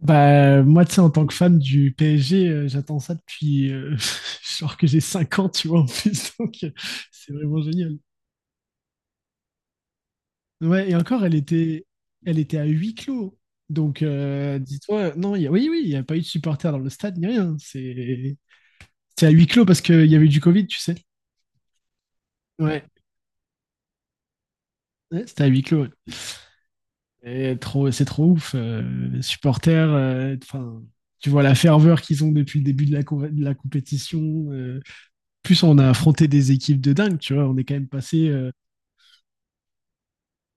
Bah, moi, tu sais, en tant que fan du PSG, j'attends ça depuis genre que j'ai 5 ans, tu vois, en plus. Donc, c'est vraiment génial. Ouais, et encore, elle était à huis clos. Donc, dis-toi, non, oui, oui, il n'y a pas eu de supporters dans le stade, ni rien. C'est à huis clos parce qu'il y avait du Covid, tu sais. Ouais, ouais, c'était à huis clos, ouais. Et trop, c'est trop ouf. Les supporters, enfin, tu vois la ferveur qu'ils ont depuis le début de de la compétition. Euh, plus on a affronté des équipes de dingue, tu vois, on est quand même passé. Euh,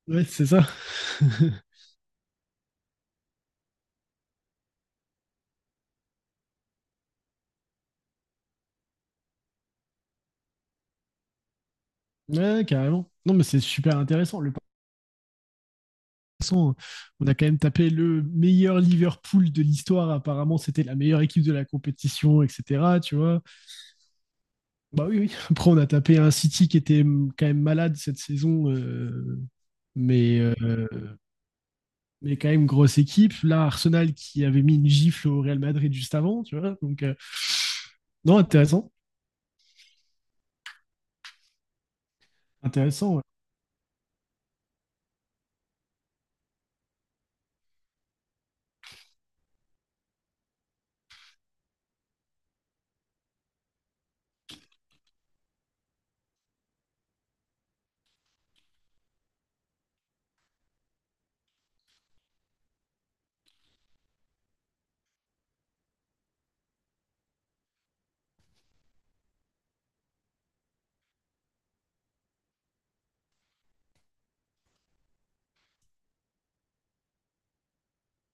ouais, c'est ça. Ouais, carrément. Non, mais c'est super intéressant. Le passant, on a quand même tapé le meilleur Liverpool de l'histoire. Apparemment, c'était la meilleure équipe de la compétition, etc. Tu vois. Bah oui, oui. Après, on a tapé un City qui était quand même malade cette saison, mais, euh, mais quand même grosse équipe. Là, Arsenal qui avait mis une gifle au Real Madrid juste avant, tu vois. Donc, non, intéressant. Intéressant, ouais.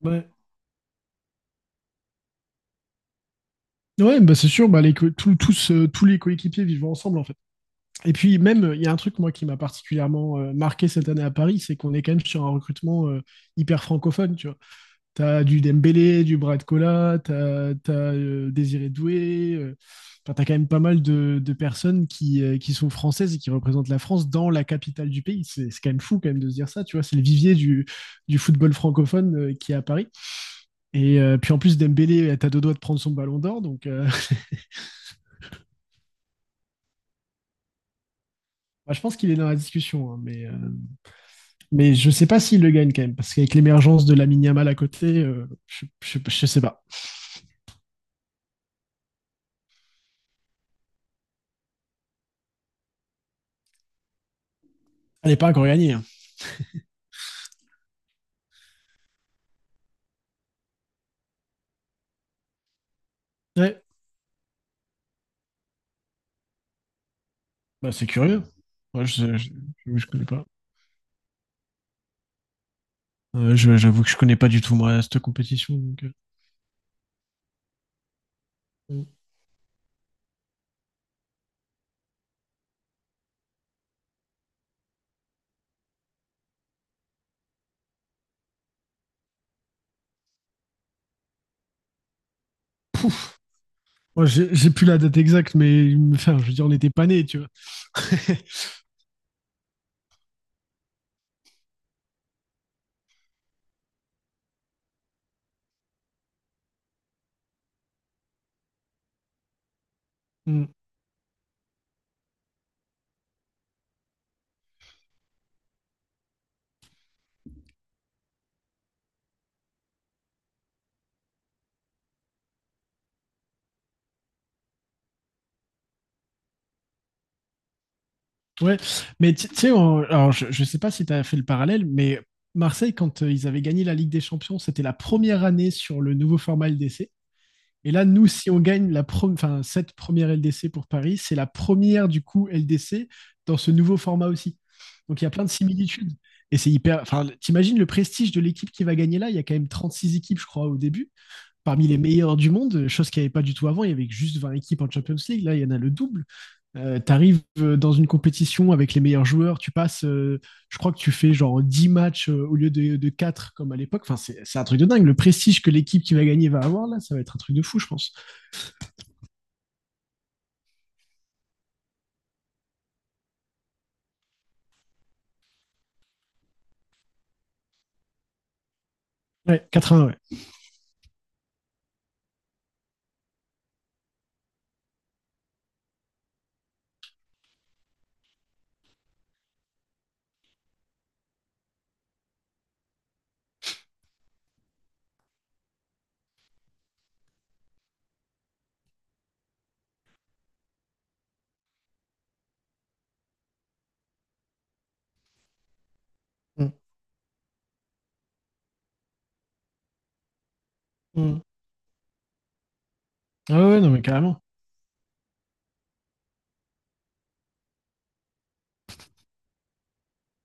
Ouais. Ouais, bah c'est sûr, bah les tous, tous les coéquipiers vivent ensemble en fait. Et puis même, il y a un truc moi qui m'a particulièrement marqué cette année à Paris, c'est qu'on est quand même sur un recrutement hyper francophone, tu vois. T'as du Dembélé, du Bradcola, t'as Désiré Doué, enfin, t'as quand même pas mal de personnes qui sont françaises et qui représentent la France dans la capitale du pays. C'est quand même fou quand même de se dire ça, tu vois. C'est le vivier du football francophone qui est à Paris. Et puis en plus, Dembélé est à deux doigts de prendre son ballon d'or, donc bah, je pense qu'il est dans la discussion, hein, mais je ne sais pas s'il le gagne quand même, parce qu'avec l'émergence de la Yamal à côté, je sais pas. Elle n'est pas encore gagnée, hein. Ouais, bah, c'est curieux. Je connais pas. Je- j'avoue que je ne connais pas du tout, moi, cette compétition. Donc, mm. Moi, j'ai plus la date exacte, mais enfin, je veux dire, on était pas nés, tu vois. Mm. Ouais, mais tu sais, alors, je sais pas si tu as fait le parallèle, mais Marseille, quand ils avaient gagné la Ligue des Champions, c'était la première année sur le nouveau format LDC. Et là, nous, si on gagne la enfin, cette première LDC pour Paris, c'est la première du coup LDC dans ce nouveau format aussi. Donc il y a plein de similitudes. Et c'est hyper. Enfin, t'imagines le prestige de l'équipe qui va gagner là. Il y a quand même 36 équipes, je crois, au début, parmi les meilleures du monde, chose qu'il n'y avait pas du tout avant. Il y avait juste 20 équipes en Champions League. Là, il y en a le double. Tu arrives dans une compétition avec les meilleurs joueurs. Tu passes, je crois que tu fais genre 10 matchs au lieu de 4 comme à l'époque. Enfin, c'est un truc de dingue. Le prestige que l'équipe qui va gagner va avoir là, ça va être un truc de fou, je pense. Ouais, vingts ouais. Mm. Mm. Ah ouais, ouais, non, mais carrément.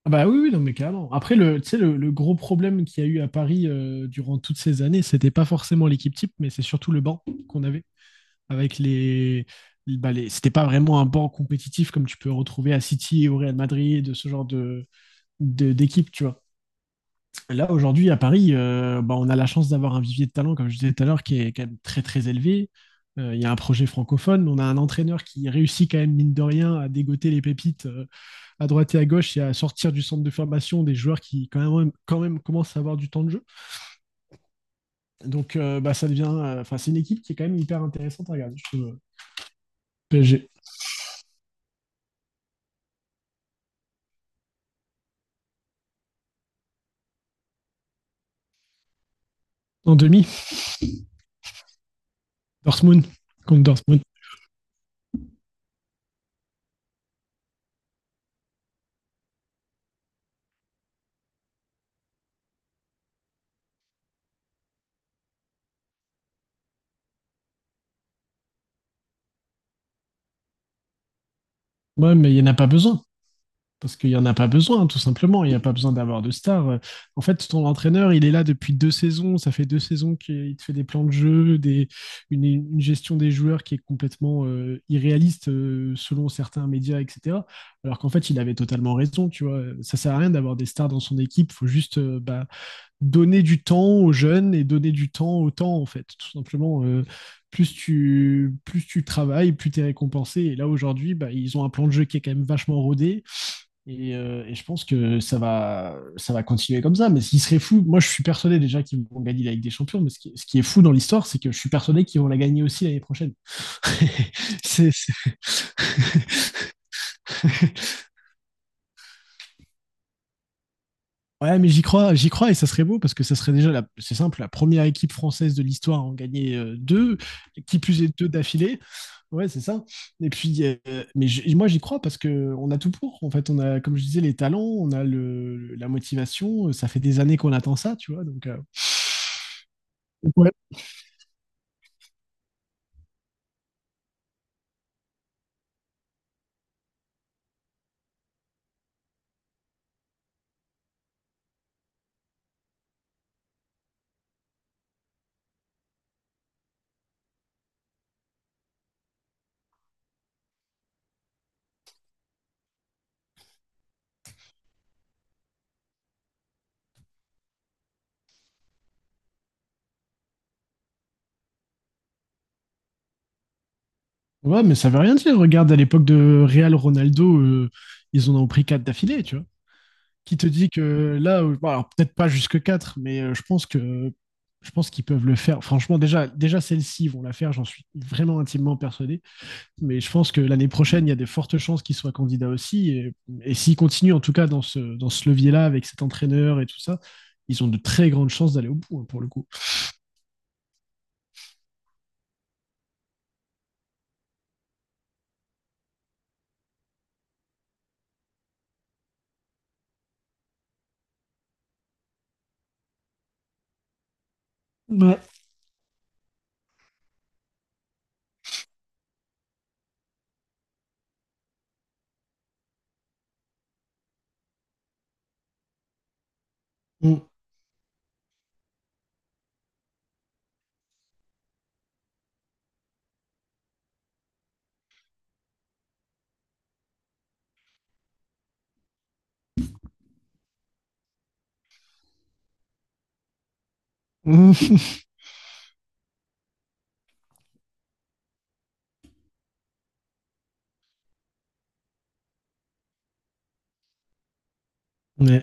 Ah bah oui, oui, non, mais carrément. Après, le, tu sais, le gros problème qu'il y a eu à Paris durant toutes ces années, c'était pas forcément l'équipe type, mais c'est surtout le banc qu'on avait. Avec les. Bah les c'était pas vraiment un banc compétitif comme tu peux retrouver à City et au Real Madrid, ce genre de, d'équipe, tu vois. Là, aujourd'hui, à Paris, bah, on a la chance d'avoir un vivier de talent, comme je disais tout à l'heure, qui est quand même très, très élevé. Il y a un projet francophone. On a un entraîneur qui réussit quand même, mine de rien, à dégoter les pépites à droite et à gauche et à sortir du centre de formation des joueurs qui quand même commencent à avoir du temps de jeu. Donc bah, ça devient, enfin, c'est une équipe qui est quand même hyper intéressante à regarder. Je trouve. PSG en demi, Dortmund, contre Dortmund. Ouais, mais il n'y en a pas besoin. Parce qu'il n'y en a pas besoin, tout simplement. Il n'y a pas besoin d'avoir de star. En fait, ton entraîneur, il est là depuis 2 saisons. Ça fait 2 saisons qu'il te fait des plans de jeu, des, une gestion des joueurs qui est complètement irréaliste selon certains médias, etc. Alors qu'en fait, il avait totalement raison, tu vois. Ça ne sert à rien d'avoir des stars dans son équipe. Il faut juste bah, donner du temps aux jeunes et donner du temps au temps, en fait. Tout simplement, plus tu travailles, plus tu es récompensé. Et là, aujourd'hui, bah, ils ont un plan de jeu qui est quand même vachement rodé. Et je pense que ça va continuer comme ça. Mais ce qui serait fou, moi je suis persuadé déjà qu'ils vont gagner la Ligue des Champions, mais ce qui est fou dans l'histoire, c'est que je suis persuadé qu'ils vont la gagner aussi l'année prochaine. C'est- c'est- Ouais, mais j'y crois et ça serait beau parce que ça serait déjà, c'est simple, la première équipe française de l'histoire à en gagner deux, qui plus est deux d'affilée. Ouais, c'est ça. Et puis, mais moi j'y crois parce que on a tout pour. En fait, on a, comme je disais, les talents, on a la motivation. Ça fait des années qu'on attend ça, tu vois. Donc, ouais. Ouais, mais ça veut rien dire. Regarde, à l'époque de Real Ronaldo, ils en ont pris 4 d'affilée, tu vois. Qui te dit que là, bon, alors peut-être pas jusque 4, mais je pense qu'ils peuvent le faire. Franchement, déjà celle-ci, ils vont la faire, j'en suis vraiment intimement persuadé. Mais je pense que l'année prochaine, il y a des fortes chances qu'ils soient candidats aussi. Et s'ils continuent, en tout cas, dans dans ce levier-là, avec cet entraîneur et tout ça, ils ont de très grandes chances d'aller au bout, hein, pour le coup. Ouais. Mm. Mm. Ouais.